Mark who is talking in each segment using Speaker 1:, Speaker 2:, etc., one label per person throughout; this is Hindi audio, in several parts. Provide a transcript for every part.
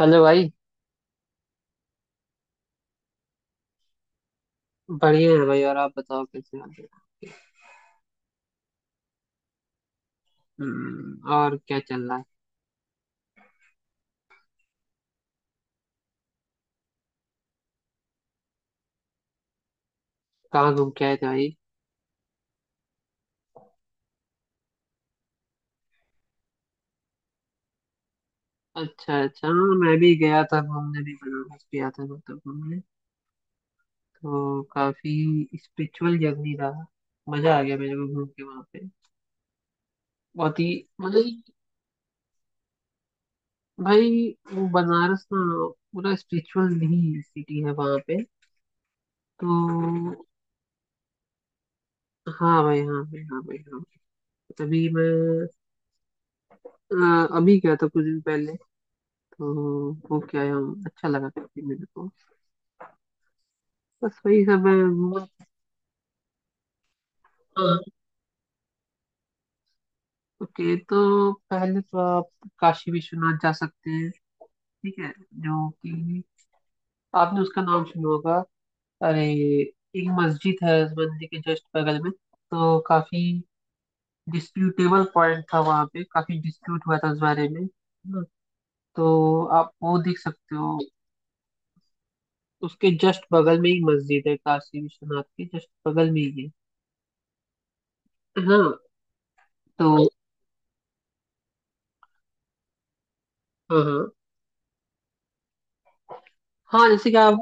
Speaker 1: हेलो भाई। बढ़िया है भाई, और आप बताओ कैसे हाल है। और क्या चल रहा है। कहाँ घूम के आए थे भाई। अच्छा अच्छा, हाँ, मैं भी गया था घूमने, भी बनारस गया था मतलब घूमने। तो काफी स्पिरिचुअल जर्नी रहा। मजा आ गया मेरे को घूम के वहाँ पे। बहुत ही मतलब भाई, वो बनारस ना पूरा स्पिरिचुअल ही सिटी है वहाँ पे तो। हाँ भाई, हाँ भाई, हाँ भाई, हाँ भाई। तभी मैं अभी गया था कुछ दिन पहले। ओके आई हम, अच्छा लगा काफी मेरे को। बस वही सब है हाँ, ओके। तो पहले तो आप काशी विश्वनाथ जा सकते हैं, ठीक है, जो कि आपने उसका नाम सुना होगा। अरे, एक मस्जिद है उस मंदिर के जस्ट बगल में, तो काफी डिस्प्यूटेबल पॉइंट था वहाँ पे, काफी डिस्प्यूट हुआ था उस बारे में ना। तो आप वो देख सकते हो। उसके जस्ट बगल में ही मस्जिद है, काशी विश्वनाथ के जस्ट बगल में ही है। हाँ तो। हाँ हाँ, हाँ जैसे कि आप,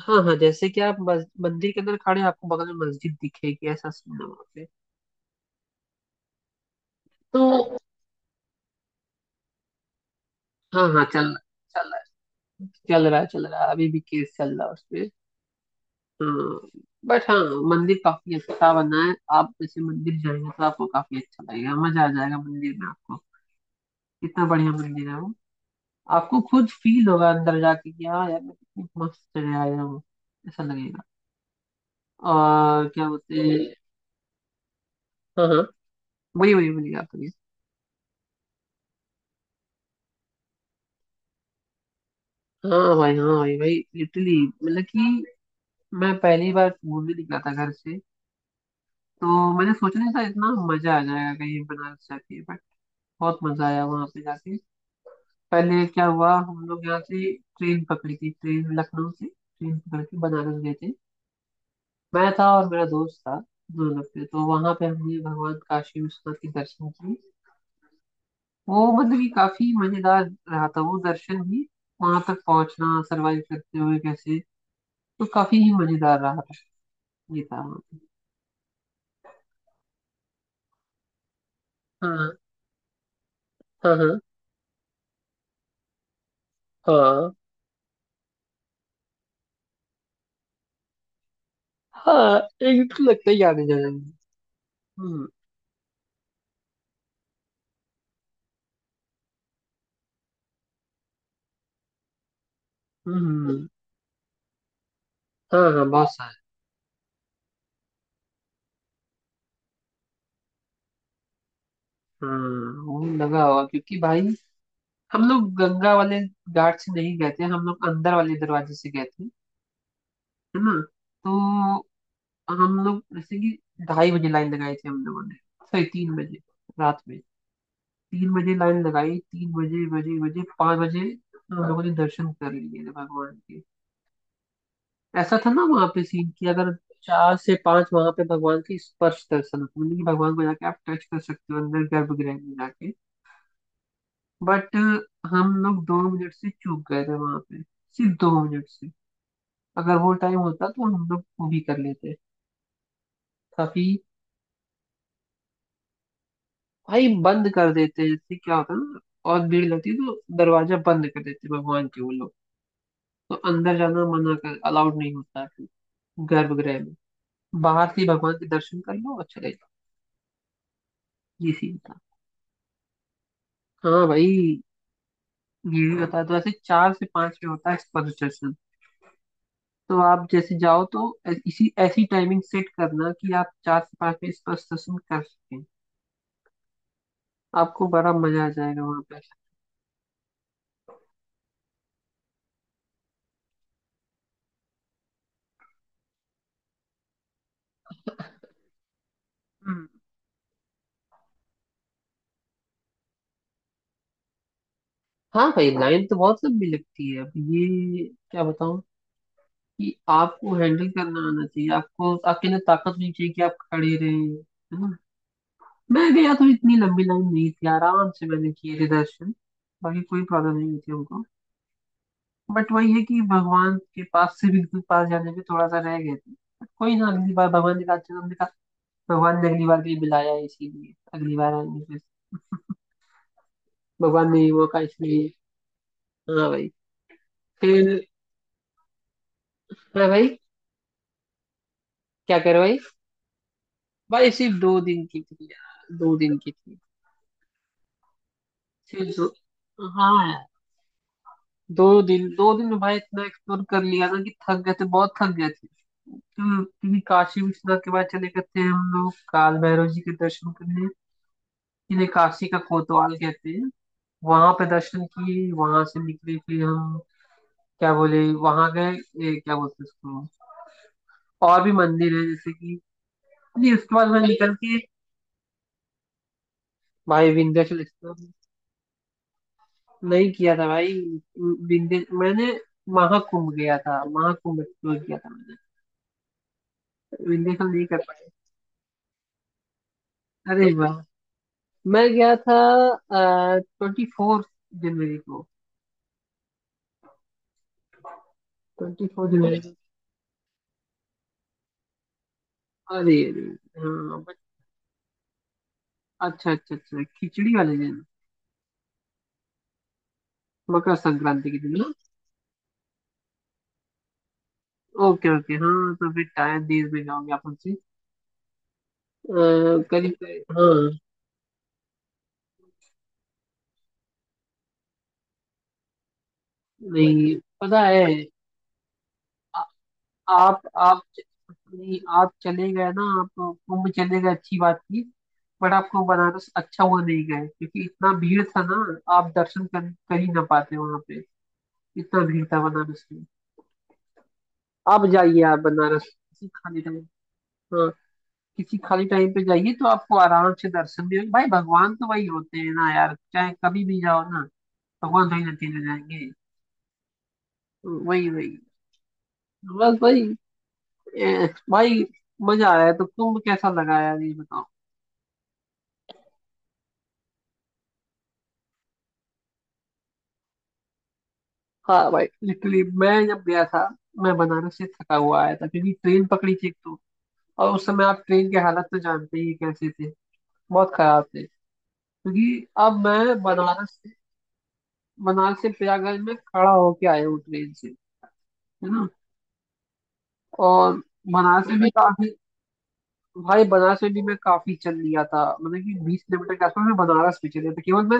Speaker 1: हाँ हाँ, जैसे कि आप मंदिर के अंदर खड़े हैं, आपको बगल में मस्जिद दिखेगी, ऐसा सीन है वहाँ पे तो। हाँ हाँ, चल चल रहा है, चल रहा है, चल रहा है, अभी भी केस चल रहा है उसपे। हाँ, बट हाँ, मंदिर काफी अच्छा बना है। आप जैसे मंदिर जाएंगे तो आपको काफी अच्छा लगेगा, मजा आ जाएगा मंदिर में आपको, इतना बढ़िया मंदिर है वो। आपको खुद फील होगा अंदर जाके कि हाँ यार, मैं कितनी मस्त जगह आया हूँ, ऐसा लगेगा। और क्या बोलते हैं। हाँ हाँ, वही वही बोलिए, आप बोलिए। हाँ भाई, हाँ भाई, भाई, इटली मतलब कि मैं पहली बार घूमने निकला था घर से, तो मैंने सोचा नहीं था इतना मजा आ जाएगा कहीं बनारस जाके, बट बहुत मजा आया वहां पे जाके। पहले क्या हुआ, हम लोग यहाँ से ट्रेन पकड़ी थी, ट्रेन लखनऊ से ट्रेन पकड़ के बनारस गए थे, मैं था और मेरा दोस्त था, दोनों पे। तो वहां पे हमने भगवान काशी विश्वनाथ के दर्शन किए, वो मतलब कि काफी मजेदार रहा था वो दर्शन भी, वहां तक पहुंचना सरवाइव करते हुए कैसे, तो काफी ही मजेदार रहा था, ये था। हाँ हाँ हाँ हाँ हाँ हाँ, एकदम लगता है याद है जाने। हम्म हम्म हाँ हाँ, बहुत सारे। वो लगा हुआ, क्योंकि भाई हम लोग गंगा वाले घाट से नहीं गए थे, हम लोग अंदर वाले दरवाजे से गए थे, है ना। तो हम लोग जैसे कि 2:30 बजे लाइन लगाई थी हम लोगों ने, सॉरी, 3 बजे, रात में 3 बजे लाइन लगाई, तीन बजे बजे बजे 5 बजे हम लोगों ने दर्शन कर लिए थे भगवान के। ऐसा था ना वहां पे सीन कि अगर 4 से 5 वहां पे भगवान की स्पर्श दर्शन होता है, यानी कि भगवान को जाके आप टच कर सकते हो अंदर गर्भगृह में जाके, बट हम लोग 2 मिनट से चूक गए थे वहां पे, सिर्फ 2 मिनट से। अगर वो टाइम होता तो हम लोग वो भी कर लेते, काफी। भाई बंद कर देते, इससे क्या होता है ना, और भीड़ लगती है तो दरवाजा बंद कर देते भगवान के वो लोग, तो अंदर जाना मना कर, अलाउड नहीं होता है फिर गर्भगृह में, बाहर से ही भगवान के दर्शन कर लो और चले जाओ, ये सीन था। हाँ भाई, ये भी बता दो, ऐसे 4 से 5 में होता है एक्सपोजर सेशन, तो आप जैसे जाओ तो इसी ऐसी टाइमिंग सेट करना कि आप 4 से 5 में एक्सपोजर सेशन कर सकें, आपको बड़ा मजा आ जाएगा वहां पर। हम्म हाँ भाई, लाइन तो बहुत लंबी लगती है, अब ये क्या बताऊं कि आपको हैंडल करना आना चाहिए, आपको आपके अंदर ताकत होनी चाहिए कि आप खड़े रहे, है ना। मैं गया तो इतनी लंबी लाइन नहीं थी, आराम से मैंने किए थे दर्शन, बाकी कोई प्रॉब्लम नहीं हुई थी हमको। बट वही है कि भगवान के पास से बिल्कुल पास जाने में थोड़ा सा रह गए थे, बट कोई ना, अगली बार भगवान ने कहा चलो, हमने कहा भगवान ने अगली बार के लिए बुलाया है इसीलिए अगली बार आएंगे फिर। भगवान ने ये मौका इसलिए। हाँ भाई, फिर हाँ भाई, क्या करो भाई, भाई सिर्फ 2 दिन की थी यार, 2 दिन की थी, सिर्फ दो, हाँ यार, 2 दिन। 2 दिन में भाई इतना एक्सप्लोर कर लिया ना कि थक गए थे, बहुत थक गए थे। क्योंकि काशी विश्वनाथ के बाद चले गए थे हम लोग काल भैरव जी के दर्शन करने, इन्हें काशी का कोतवाल कहते हैं, वहां पे दर्शन किए, वहां से निकले फिर हम, क्या बोले, वहां गए क्या बोलते हैं उसको, और भी मंदिर है जैसे कि, नहीं उसके बाद मैं निकल के। भाई विंध्याचल एक्सप्लोर नहीं किया था भाई, विंध्य मैंने महाकुंभ गया था, महाकुंभ एक्सप्लोर किया था मैंने, विंध्याचल नहीं कर पाया। अरे वाह, मैं गया था 24 जनवरी को, 24 जनवरी को। अरे अरे, हाँ but-। अच्छा अच्छा अच्छा, खिचड़ी वाले दिन, मकर संक्रांति के दिन ना। ओके ओके, हाँ तो फिर टाइम दे में जाओगे आप हमसे, करीब करीब, हाँ, नहीं, पता है। आ, आप नहीं, आप चले गए ना, आप कुंभ चले गए, अच्छी बात थी। बट आपको बनारस अच्छा हुआ नहीं गए, क्योंकि इतना भीड़ था ना, आप दर्शन कर ही ना पाते वहां पे, इतना भीड़ था बनारस में। आप जाइए, आप बनारस किसी खाली टाइम, हाँ, किसी खाली टाइम पे जाइए तो आपको आराम से दर्शन मिलेंगे। भाई भगवान तो वही होते हैं ना यार, चाहे कभी भी जाओ ना, भगवान थोड़ी ना चेंज हो जाएंगे। वही वही। बस भाई, भाई, मजा आया तो तुम कैसा लगा यार ये बताओ। हाँ भाई, लिटरली मैं जब गया था, मैं बनारस से थका हुआ आया था क्योंकि ट्रेन पकड़ी थी एक तो, और उस समय आप ट्रेन के हालत तो जानते ही हैं कैसे थे, बहुत खराब थे। क्योंकि अब मैं बनारस से प्रयागराज में खड़ा होके आया हूँ ट्रेन से, है ना। और बनारस में भी काफी, भाई बनारस में भी मैं काफी चल लिया था, मतलब कि 20 किलोमीटर के आसपास मैं बनारस में चले था केवल मैं,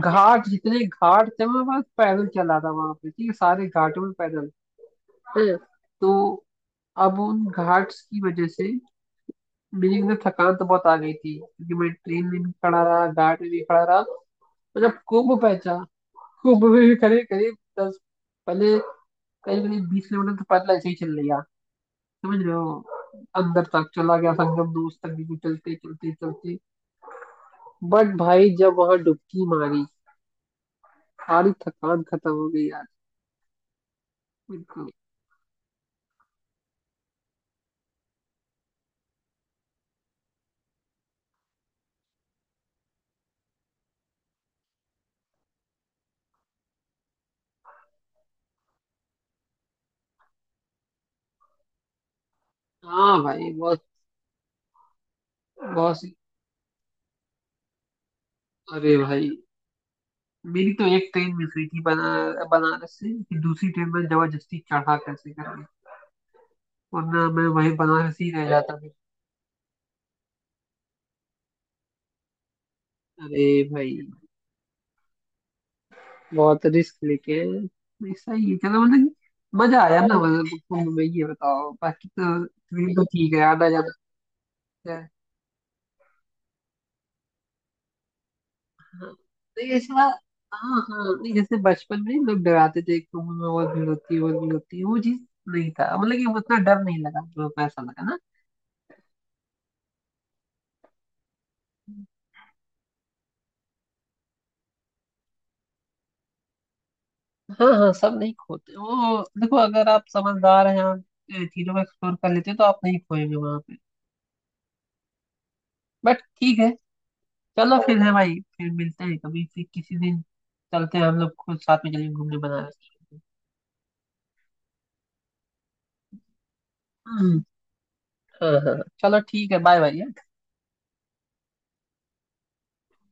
Speaker 1: घाट जितने घाट थे मैं बस पैदल चला था वहां पे, ठीक है, सारे घाटों में पैदल। हम्म तो अब उन घाट्स की वजह से मेरी एकदम थकान तो बहुत आ गई थी, क्योंकि मैं ट्रेन में भी खड़ा रहा, घाट में भी खड़ा रहा, तो जब कुंभ पहुंचा, कुंभ में भी करीब करीब दस पहले, करीब करीब 20 किलोमीटर तो पैदल ऐसे ही चल लिया, समझ रहे हो, अंदर तक चला गया, संगम दोस्त तक भी चलते चलते चलते। बट भाई, जब वहां डुबकी मारी, सारी थकान खत्म हो गई यार, बिल्कुल। हाँ भाई, बहुत, बहुत सी। अरे भाई, मेरी तो एक ट्रेन मिस हुई थी बनारस से कि दूसरी ट्रेन में जबरदस्ती चढ़ा कैसे करके, वरना मैं वहीं बनारस ही रह जाता फिर। अरे भाई, बहुत रिस्क लेके, ऐसा ही है। चलो, मतलब कि मजा आया ना। मतलब कुंभ में ये बताओ, बाकी तो ट्रेन तो ठीक है, आना जाना होता है। नहीं ऐसा, हाँ हाँ नहीं, जैसे बचपन में लोग डराते थे कुंभ में बहुत भीड़ होती है, बहुत भीड़ होती है, वो चीज नहीं था, मतलब कि उतना डर नहीं लगा, जो पैसा लगा। हाँ हाँ, सब नहीं खोते, वो देखो, अगर आप समझदार हैं, आप चीजों को एक्सप्लोर कर लेते हो तो आप नहीं खोएंगे वहां पे, बट ठीक है। चलो फिर है भाई, फिर मिलते हैं कभी फिर किसी दिन, चलते हैं हम लोग, खुद साथ में चलेंगे घूमने बनारस। हम्म, हाँ हाँ, चलो ठीक है, बाय बाय।